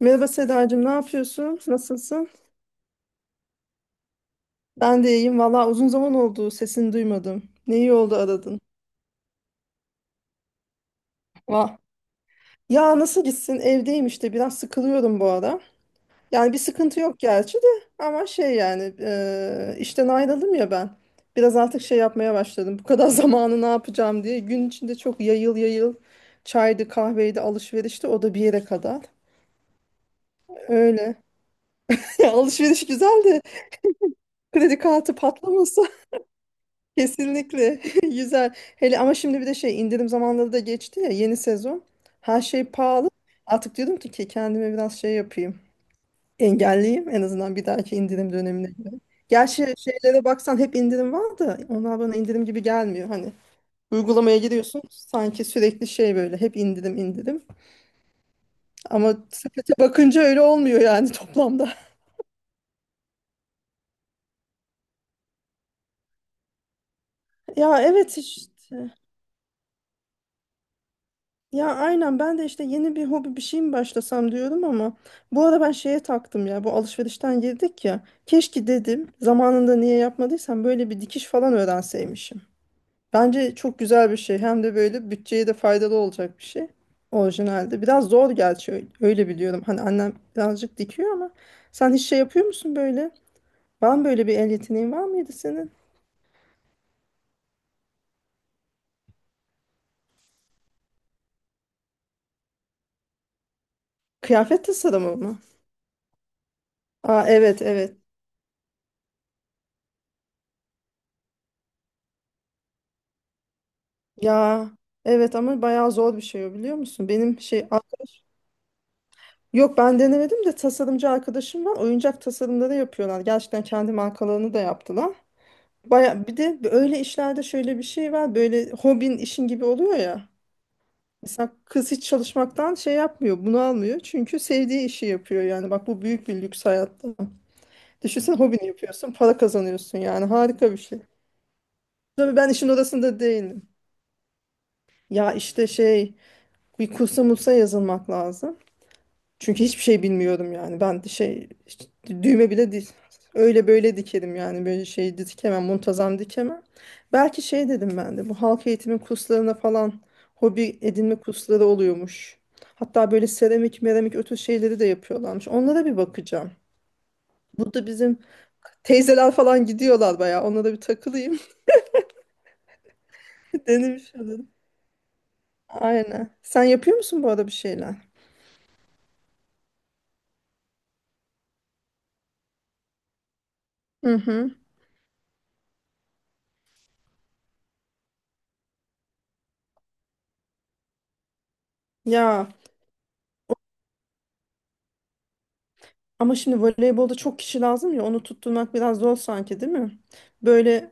Merhaba Sedacığım, ne yapıyorsun? Nasılsın? Ben de iyiyim. Valla uzun zaman oldu, sesini duymadım. Ne iyi oldu aradın. Vah. Ya nasıl gitsin? Evdeyim işte, biraz sıkılıyorum bu ara. Yani bir sıkıntı yok gerçi de ama şey yani işten ayrıldım ya ben. Biraz artık şey yapmaya başladım. Bu kadar zamanı ne yapacağım diye. Gün içinde çok yayıl yayıl çaydı, kahveydi, alışverişti. O da bir yere kadar. Öyle. Alışveriş güzel de kredi kartı patlamasın. Kesinlikle güzel. Hele ama şimdi bir de şey indirim zamanları da geçti ya yeni sezon. Her şey pahalı. Artık diyordum ki kendime biraz şey yapayım. Engelleyeyim en azından bir dahaki indirim dönemine göre. Gerçi şeylere baksan hep indirim var da onlar bana indirim gibi gelmiyor. Hani uygulamaya giriyorsun sanki sürekli şey böyle hep indirim indirim. Ama sepete bakınca öyle olmuyor yani toplamda. Ya evet işte. Ya aynen ben de işte yeni bir hobi bir şey mi başlasam diyorum ama bu ara ben şeye taktım ya bu alışverişten girdik ya keşke dedim zamanında niye yapmadıysam böyle bir dikiş falan öğrenseymişim. Bence çok güzel bir şey hem de böyle bütçeye de faydalı olacak bir şey orijinalde. Biraz zor gerçi öyle, öyle biliyorum hani annem birazcık dikiyor ama sen hiç şey yapıyor musun böyle? Var mı böyle bir el yeteneğin var mıydı senin? Kıyafet tasarımı mı? Aa, evet evet. Ya evet ama bayağı zor bir şey o biliyor musun? Benim şey arkadaş yok ben denemedim de tasarımcı arkadaşım var. Oyuncak tasarımları yapıyorlar. Gerçekten kendi markalarını da yaptılar. Baya bir de öyle işlerde şöyle bir şey var. Böyle hobin işin gibi oluyor ya. Mesela kız hiç çalışmaktan şey yapmıyor, bunu almıyor. Çünkü sevdiği işi yapıyor yani. Bak bu büyük bir lüks hayatta. Düşünsene hobini yapıyorsun, para kazanıyorsun yani. Harika bir şey. Tabii ben işin orasında değilim. Ya işte şey bir kursa mursa yazılmak lazım. Çünkü hiçbir şey bilmiyorum yani. Ben de şey işte düğme bile değil. Öyle böyle dikerim yani böyle şey dikemem, muntazam dikemem. Belki şey dedim ben de bu halk eğitimi kurslarına falan hobi edinme kursları oluyormuş. Hatta böyle seramik, meramik ötü şeyleri de yapıyorlarmış. Onlara bir bakacağım. Burada bizim teyzeler falan gidiyorlar bayağı. Onlara bir takılayım. Denemiş olurum. Aynen. Sen yapıyor musun bu arada bir şeyler? Hı hı. Ya, ama şimdi voleybolda çok kişi lazım ya onu tutturmak biraz zor sanki değil mi? Böyle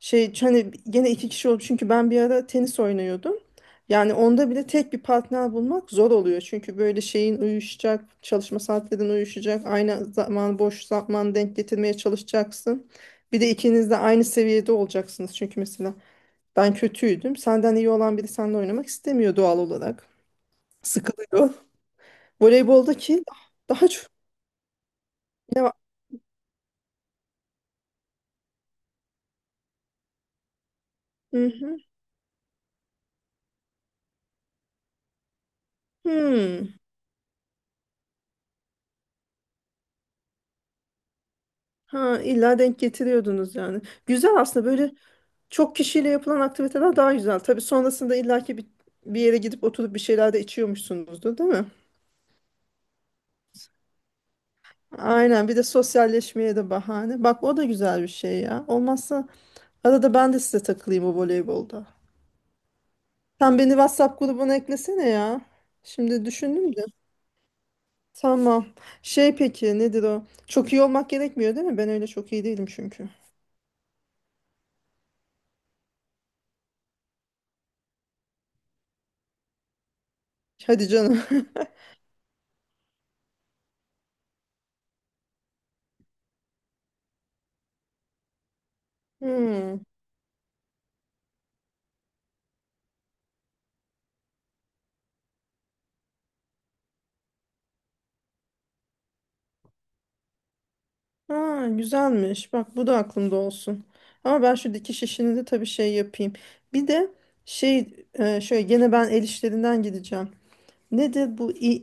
şey hani gene iki kişi oldu çünkü ben bir ara tenis oynuyordum. Yani onda bile tek bir partner bulmak zor oluyor. Çünkü böyle şeyin uyuşacak, çalışma saatlerin uyuşacak, aynı zaman boş zaman denk getirmeye çalışacaksın. Bir de ikiniz de aynı seviyede olacaksınız. Çünkü mesela ben kötüydüm. Senden iyi olan biri seninle oynamak istemiyor doğal olarak. Sıkılıyor. Voleyboldaki daha çok ne var? Hı hı. Hmm. Ha, illa denk getiriyordunuz yani. Güzel aslında, böyle çok kişiyle yapılan aktiviteler daha güzel. Tabii sonrasında illaki bir yere gidip oturup bir şeyler de içiyormuşsunuzdur, değil mi? Aynen, bir de sosyalleşmeye de bahane. Bak o da güzel bir şey ya. Olmazsa arada ben de size takılayım o voleybolda. Sen beni WhatsApp grubuna eklesene ya. Şimdi düşündüm de. Tamam. Şey peki nedir o? Çok iyi olmak gerekmiyor değil mi? Ben öyle çok iyi değilim çünkü. Hadi canım. Hmm. Ha, güzelmiş. Bak bu da aklımda olsun. Ama ben şu dikiş işini de tabii şey yapayım. Bir de şey şöyle gene ben el işlerinden gideceğim. Nedir bu i-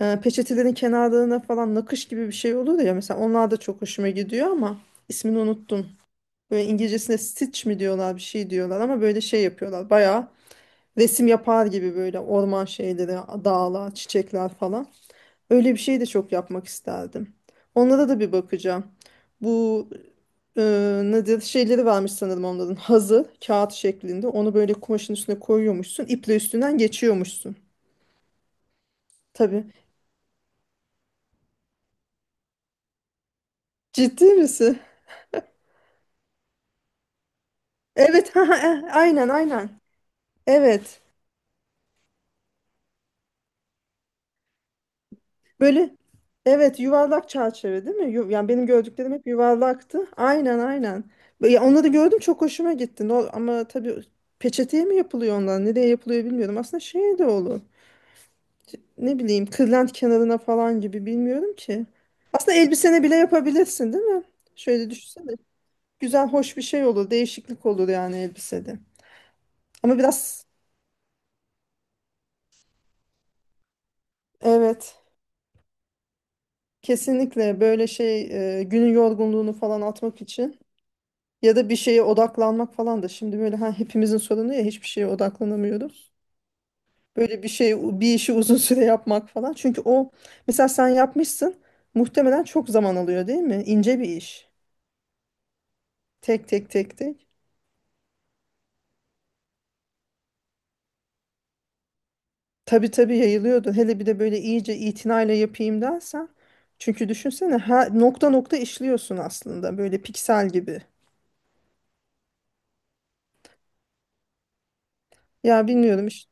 e, peçetelerin kenarlarına falan nakış gibi bir şey olur ya. Mesela onlar da çok hoşuma gidiyor ama ismini unuttum. Böyle İngilizcesine stitch mi diyorlar, bir şey diyorlar ama böyle şey yapıyorlar. Bayağı resim yapar gibi böyle orman şeyleri, dağlar, çiçekler falan. Öyle bir şey de çok yapmak isterdim. Onlara da bir bakacağım. Bu e, nedir şeyleri varmış sanırım onların, hazı kağıt şeklinde. Onu böyle kumaşın üstüne koyuyormuşsun. İple üstünden geçiyormuşsun. Tabii. Ciddi misin? Evet. Ha, ha, ha. Aynen aynen. Evet. Böyle evet, yuvarlak çerçeve değil mi? Yani benim gördüklerim hep yuvarlaktı. Aynen aynen. Ya onları gördüm, çok hoşuma gitti. Ama tabii peçeteye mi yapılıyor onlar? Nereye yapılıyor bilmiyorum. Aslında şey de olur. Ne bileyim, kırlent kenarına falan gibi, bilmiyorum ki. Aslında elbisene bile yapabilirsin değil mi? Şöyle düşünsene. Güzel, hoş bir şey olur. Değişiklik olur yani elbisede. Ama biraz evet, kesinlikle böyle şey günün yorgunluğunu falan atmak için ya da bir şeye odaklanmak falan da. Şimdi böyle hepimizin sorunu ya, hiçbir şeye odaklanamıyoruz. Böyle bir şey, bir işi uzun süre yapmak falan. Çünkü o, mesela sen yapmışsın, muhtemelen çok zaman alıyor değil mi? İnce bir iş. Tek tek tek tek. Tabii tabii, yayılıyordu. Hele bir de böyle iyice itinayla yapayım dersen. Çünkü düşünsene, her nokta nokta işliyorsun aslında, böyle piksel gibi. Ya bilmiyorum işte.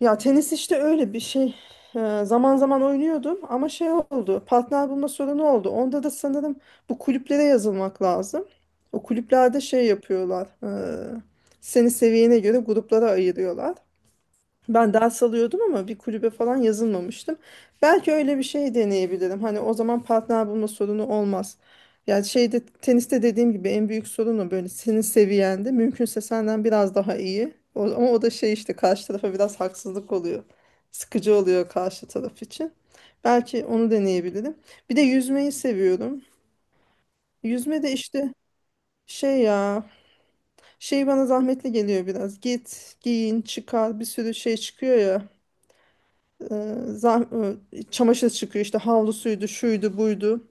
Ya tenis işte öyle bir şey. Zaman zaman oynuyordum ama şey oldu. Partner bulma sorunu oldu. Onda da sanırım bu kulüplere yazılmak lazım. O kulüplerde şey yapıyorlar. ee, seni seviyene göre gruplara ayırıyorlar. Ben ders alıyordum ama bir kulübe falan yazılmamıştım. Belki öyle bir şey deneyebilirim. Hani o zaman partner bulma sorunu olmaz. Yani şeyde, teniste dediğim gibi en büyük sorun o, böyle senin seviyende, mümkünse senden biraz daha iyi. Ama o da şey işte karşı tarafa biraz haksızlık oluyor. Sıkıcı oluyor karşı taraf için. Belki onu deneyebilirim. Bir de yüzmeyi seviyorum. Yüzme de işte şey ya, şey bana zahmetli geliyor biraz. Git, giyin, çıkar, bir sürü şey çıkıyor ya. e, zah çamaşır çıkıyor işte, havlusuydu, şuydu, buydu.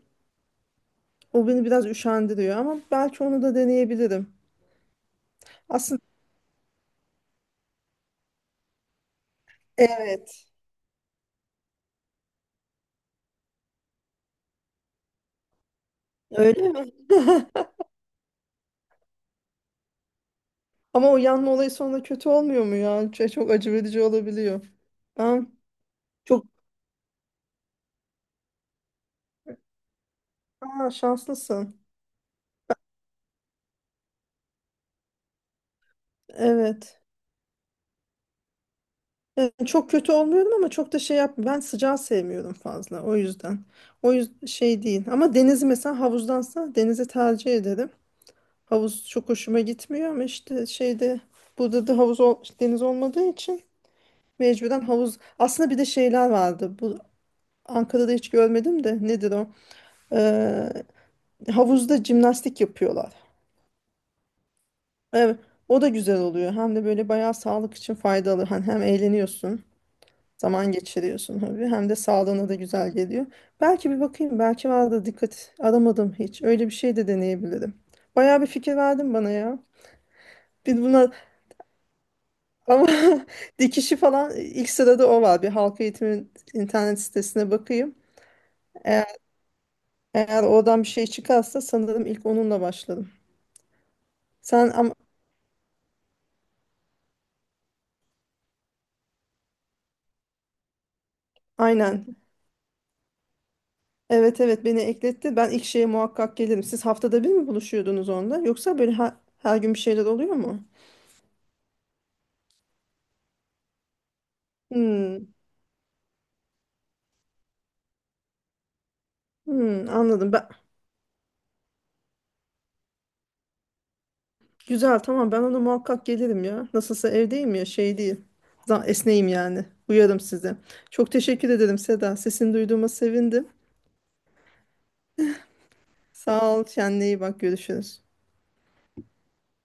O beni biraz üşendiriyor ama belki onu da deneyebilirim. Aslında evet. Öyle mi? Ama o yanma olayı sonra kötü olmuyor mu ya? Şey, çok acı verici olabiliyor. Ben çok Aa, şanslısın. Evet. Evet, çok kötü olmuyorum ama çok da şey yapmıyorum. Ben sıcağı sevmiyorum fazla, o yüzden. O yüzden şey değil. Ama denizi, mesela havuzdansa denizi tercih ederim. Havuz çok hoşuma gitmiyor ama işte şeyde, burada da havuz ol- deniz olmadığı için mecburen havuz. Aslında bir de şeyler vardı. Bu Ankara'da hiç görmedim de nedir o? Ee, havuzda jimnastik yapıyorlar. Evet, o da güzel oluyor. Hem de böyle bayağı sağlık için faydalı. Hani hem eğleniyorsun, zaman geçiriyorsun tabii. Hem de sağlığına da güzel geliyor. Belki bir bakayım. Belki var da dikkat aramadım hiç. Öyle bir şey de deneyebilirim. Bayağı bir fikir verdin bana ya. Biz bunu Ama dikişi falan ilk sırada o var. Bir halk eğitimin internet sitesine bakayım. Eğer, eğer oradan bir şey çıkarsa sanırım ilk onunla başladım. Sen ama aynen. Evet evet, beni ekletti. Ben ilk şeye muhakkak gelirim. Siz haftada bir mi buluşuyordunuz onda? Yoksa böyle her gün bir şeyler oluyor mu? Hmm, hmm, anladım. Güzel tamam, ben ona muhakkak gelirim ya. Nasılsa evdeyim ya, şey değil. Esneyim yani. Uyarım size. Çok teşekkür ederim Seda. Sesini duyduğuma sevindim. Sağ ol. Kendine iyi bak. Görüşürüz.